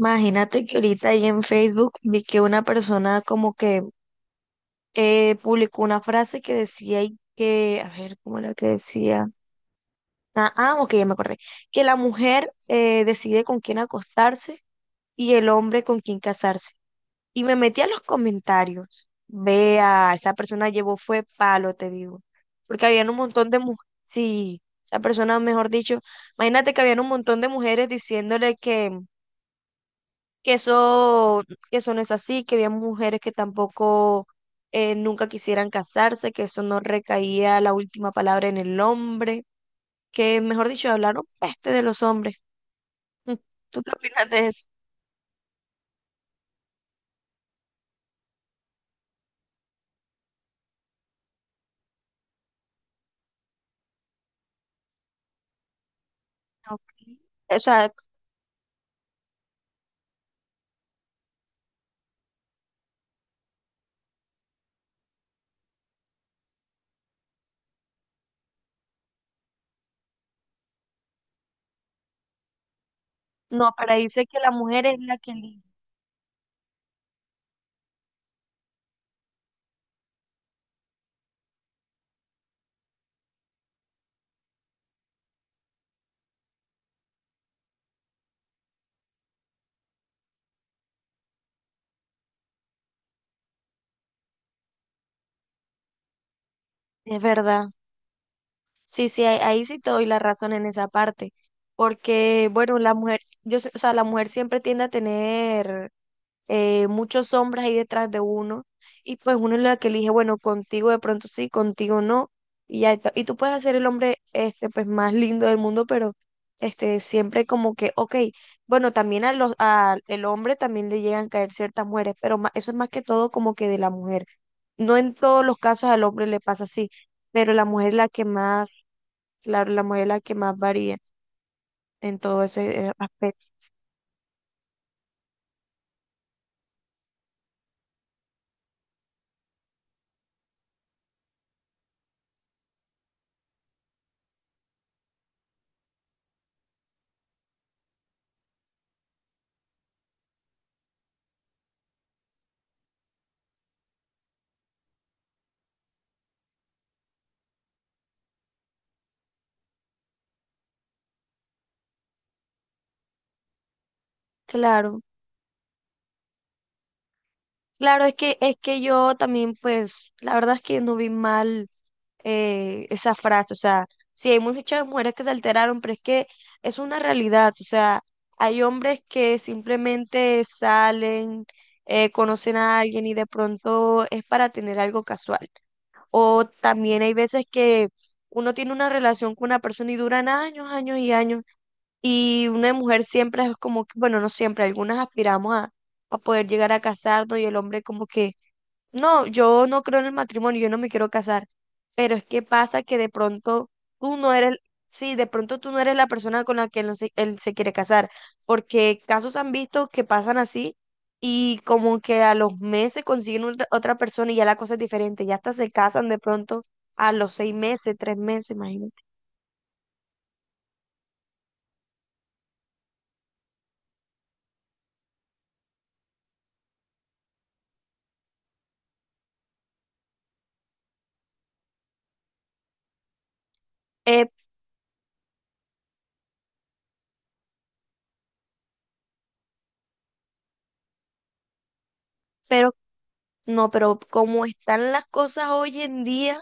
Imagínate que ahorita ahí en Facebook vi que una persona como que publicó una frase que decía y que, a ver, ¿cómo era que decía? Ok, ya me acordé. Que la mujer decide con quién acostarse y el hombre con quién casarse. Y me metí a los comentarios. Vea, esa persona llevó fue palo, te digo. Porque habían un montón de mujeres, sí, esa persona, mejor dicho, imagínate que habían un montón de mujeres diciéndole que que eso, que eso no es así, que había mujeres que tampoco nunca quisieran casarse, que eso no recaía la última palabra en el hombre, que mejor dicho, hablaron peste de los hombres. Mm, ¿tú qué opinas de eso? Ok. O sea, no, pero ahí dice que la mujer es la que elige, es verdad. Sí, sí, ahí, ahí sí te doy la razón en esa parte. Porque, bueno, la mujer, yo, sé- o sea, la mujer siempre tiende a tener muchos hombres ahí detrás de uno, y pues uno es la que elige, bueno, contigo de pronto sí, contigo no, y ya está. Y tú puedes ser el hombre este, pues más lindo del mundo, pero este, siempre como que, ok, bueno, también a los, a el hombre también le llegan a caer ciertas mujeres, pero ma- eso es más que todo como que de la mujer. No en todos los casos al hombre le pasa así, pero la mujer es la que más, claro, la mujer es la que más varía en todo ese aspecto. Claro. Claro, es que yo también, pues, la verdad es que no vi mal esa frase, o sea, sí, hay muchas mujeres que se alteraron, pero es que es una realidad, o sea, hay hombres que simplemente salen, conocen a alguien y de pronto es para tener algo casual. O también hay veces que uno tiene una relación con una persona y duran años, años y años, y una mujer siempre es como, que- bueno, no siempre, algunas aspiramos a poder llegar a casarnos y el hombre como que no, yo no creo en el matrimonio, yo no me quiero casar, pero es que pasa que de pronto tú no eres, sí, de pronto tú no eres la persona con la que él, no se, él se quiere casar, porque casos han visto que pasan así y como que a los meses consiguen otra, otra persona y ya la cosa es diferente, ya hasta se casan de pronto a los 6 meses, 3 meses, imagínate. Eh, pero no, pero como están las cosas hoy en día.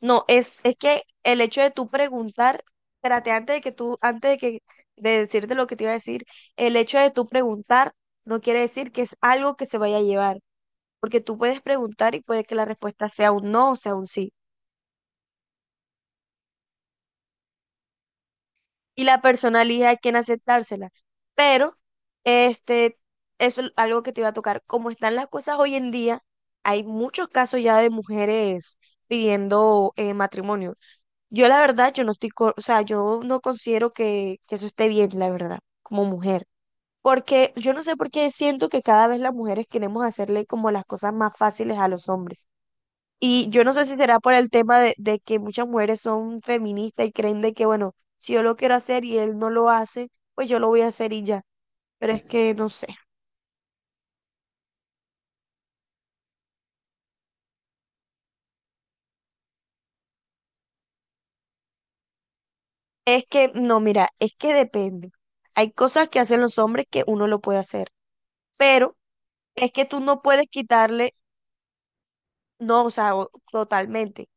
No, es que el hecho de tú preguntar, espérate, antes de que tú, antes de que de decirte lo que te iba a decir, el hecho de tú preguntar no quiere decir que es algo que se vaya a llevar, porque tú puedes preguntar y puede que la respuesta sea un no o sea un sí. Y la persona elige a quién aceptársela. Pero, este, eso es algo que te iba a tocar. Como están las cosas hoy en día, hay muchos casos ya de mujeres pidiendo matrimonio. Yo la verdad, yo no estoy, co- o sea, yo no considero que eso esté bien, la verdad, como mujer. Porque yo no sé por qué siento que cada vez las mujeres queremos hacerle como las cosas más fáciles a los hombres. Y yo no sé si será por el tema de que muchas mujeres son feministas y creen de que, bueno, si yo lo quiero hacer y él no lo hace, pues yo lo voy a hacer y ya. Pero es que no sé. Es que, no, mira, es que depende. Hay cosas que hacen los hombres que uno lo puede hacer, pero es que tú no puedes quitarle. No, o sea, o- totalmente.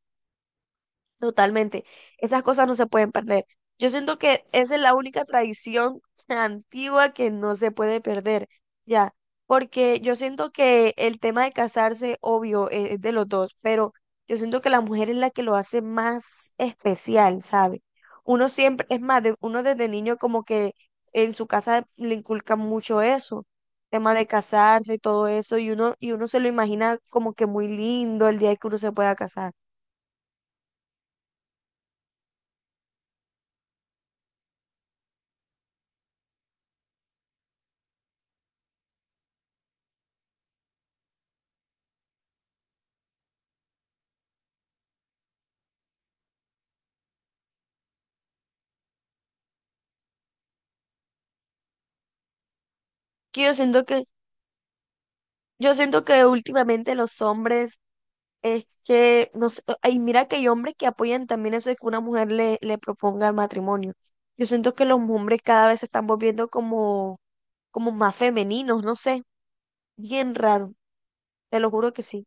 Totalmente. Esas cosas no se pueden perder. Yo siento que esa es la única tradición antigua que no se puede perder, ya, porque yo siento que el tema de casarse, obvio, es de los dos, pero yo siento que la mujer es la que lo hace más especial, ¿sabe? Uno siempre, es más, de- uno desde niño como que en su casa le inculcan mucho eso, tema de casarse y todo eso, y uno se lo imagina como que muy lindo el día que uno se pueda casar que yo siento que. Yo siento que últimamente los hombres es que, no sé, y mira que hay hombres que apoyan también eso de que una mujer le, le proponga el matrimonio. Yo siento que los hombres cada vez se están volviendo como, como más femeninos, no sé, bien raro, te lo juro que sí.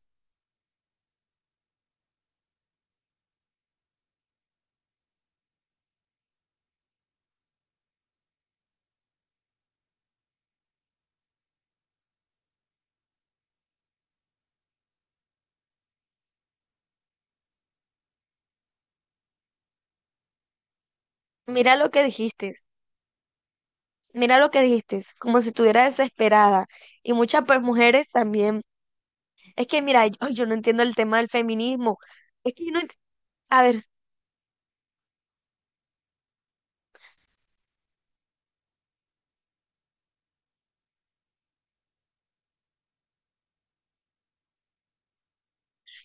Mira lo que dijiste, mira lo que dijiste, como si estuviera desesperada. Y muchas pues mujeres también. Es que mira, yo, ay, yo no entiendo el tema del feminismo. Es que yo no, ent- a ver.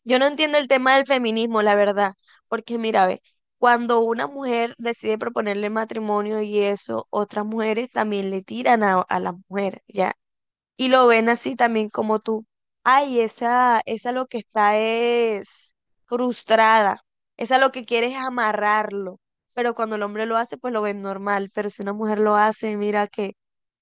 Yo no entiendo el tema del feminismo, la verdad, porque mira, ve, cuando una mujer decide proponerle matrimonio y eso, otras mujeres también le tiran a la mujer, ¿ya? Y lo ven así también como tú. Ay, esa lo que está es frustrada, esa lo que quiere es amarrarlo, pero cuando el hombre lo hace, pues lo ven normal, pero si una mujer lo hace, mira que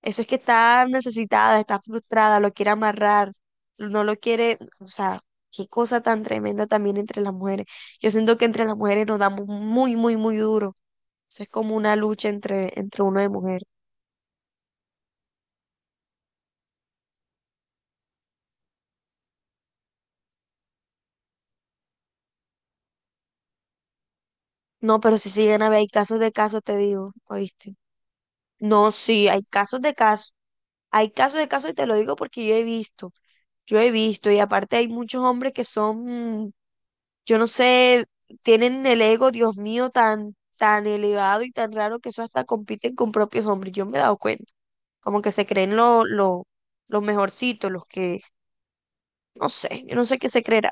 eso es que está necesitada, está frustrada, lo quiere amarrar, no lo quiere, o sea, qué cosa tan tremenda también entre las mujeres. Yo siento que entre las mujeres nos damos muy, muy, muy duro. Eso es como una lucha entre, entre uno de mujer. No, pero si siguen a ver, hay casos de casos, te digo, ¿oíste? No, sí, hay casos de casos, hay casos de casos y te lo digo porque yo he visto y aparte hay muchos hombres que son, yo no sé, tienen el ego, Dios mío, tan, tan elevado y tan raro que eso hasta compiten con propios hombres, yo me he dado cuenta, como que se creen lo, los mejorcitos, los que, no sé, yo no sé qué se creerá.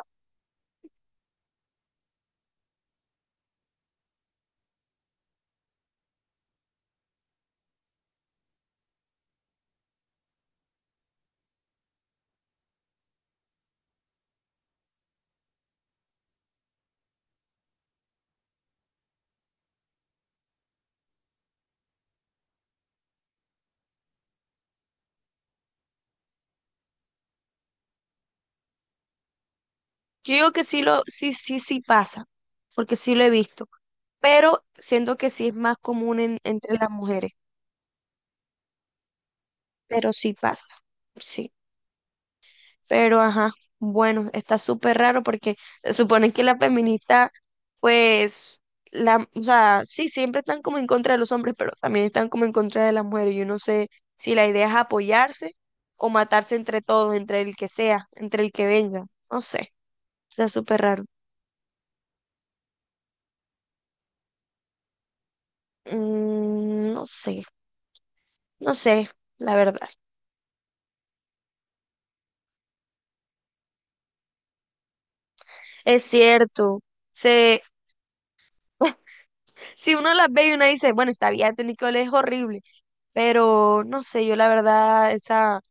Yo digo que sí lo, sí, sí, sí pasa, porque sí lo he visto. Pero siento que sí es más común en- entre las mujeres, pero sí pasa, sí. Pero ajá, bueno, está súper raro porque se supone que la feminista, pues, la, o sea, sí, siempre están como en contra de los hombres, pero también están como en contra de las mujeres. Yo no sé si la idea es apoyarse o matarse entre todos, entre el que sea, entre el que venga, no sé, está súper raro. Mm, no sé, no sé, la verdad. Es cierto, se... Si uno las ve y uno dice, bueno, esta vida de Nicole es horrible, pero no sé, yo la verdad, esa,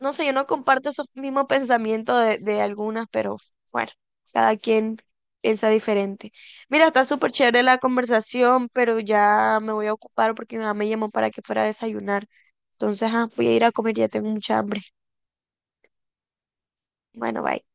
no sé, yo no comparto esos mismos pensamientos de algunas, pero bueno, cada quien piensa diferente. Mira, está súper chévere la conversación, pero ya me voy a ocupar porque mi mamá me llamó para que fuera a desayunar. Entonces, ah, voy a ir a comer, ya tengo mucha hambre. Bueno, bye.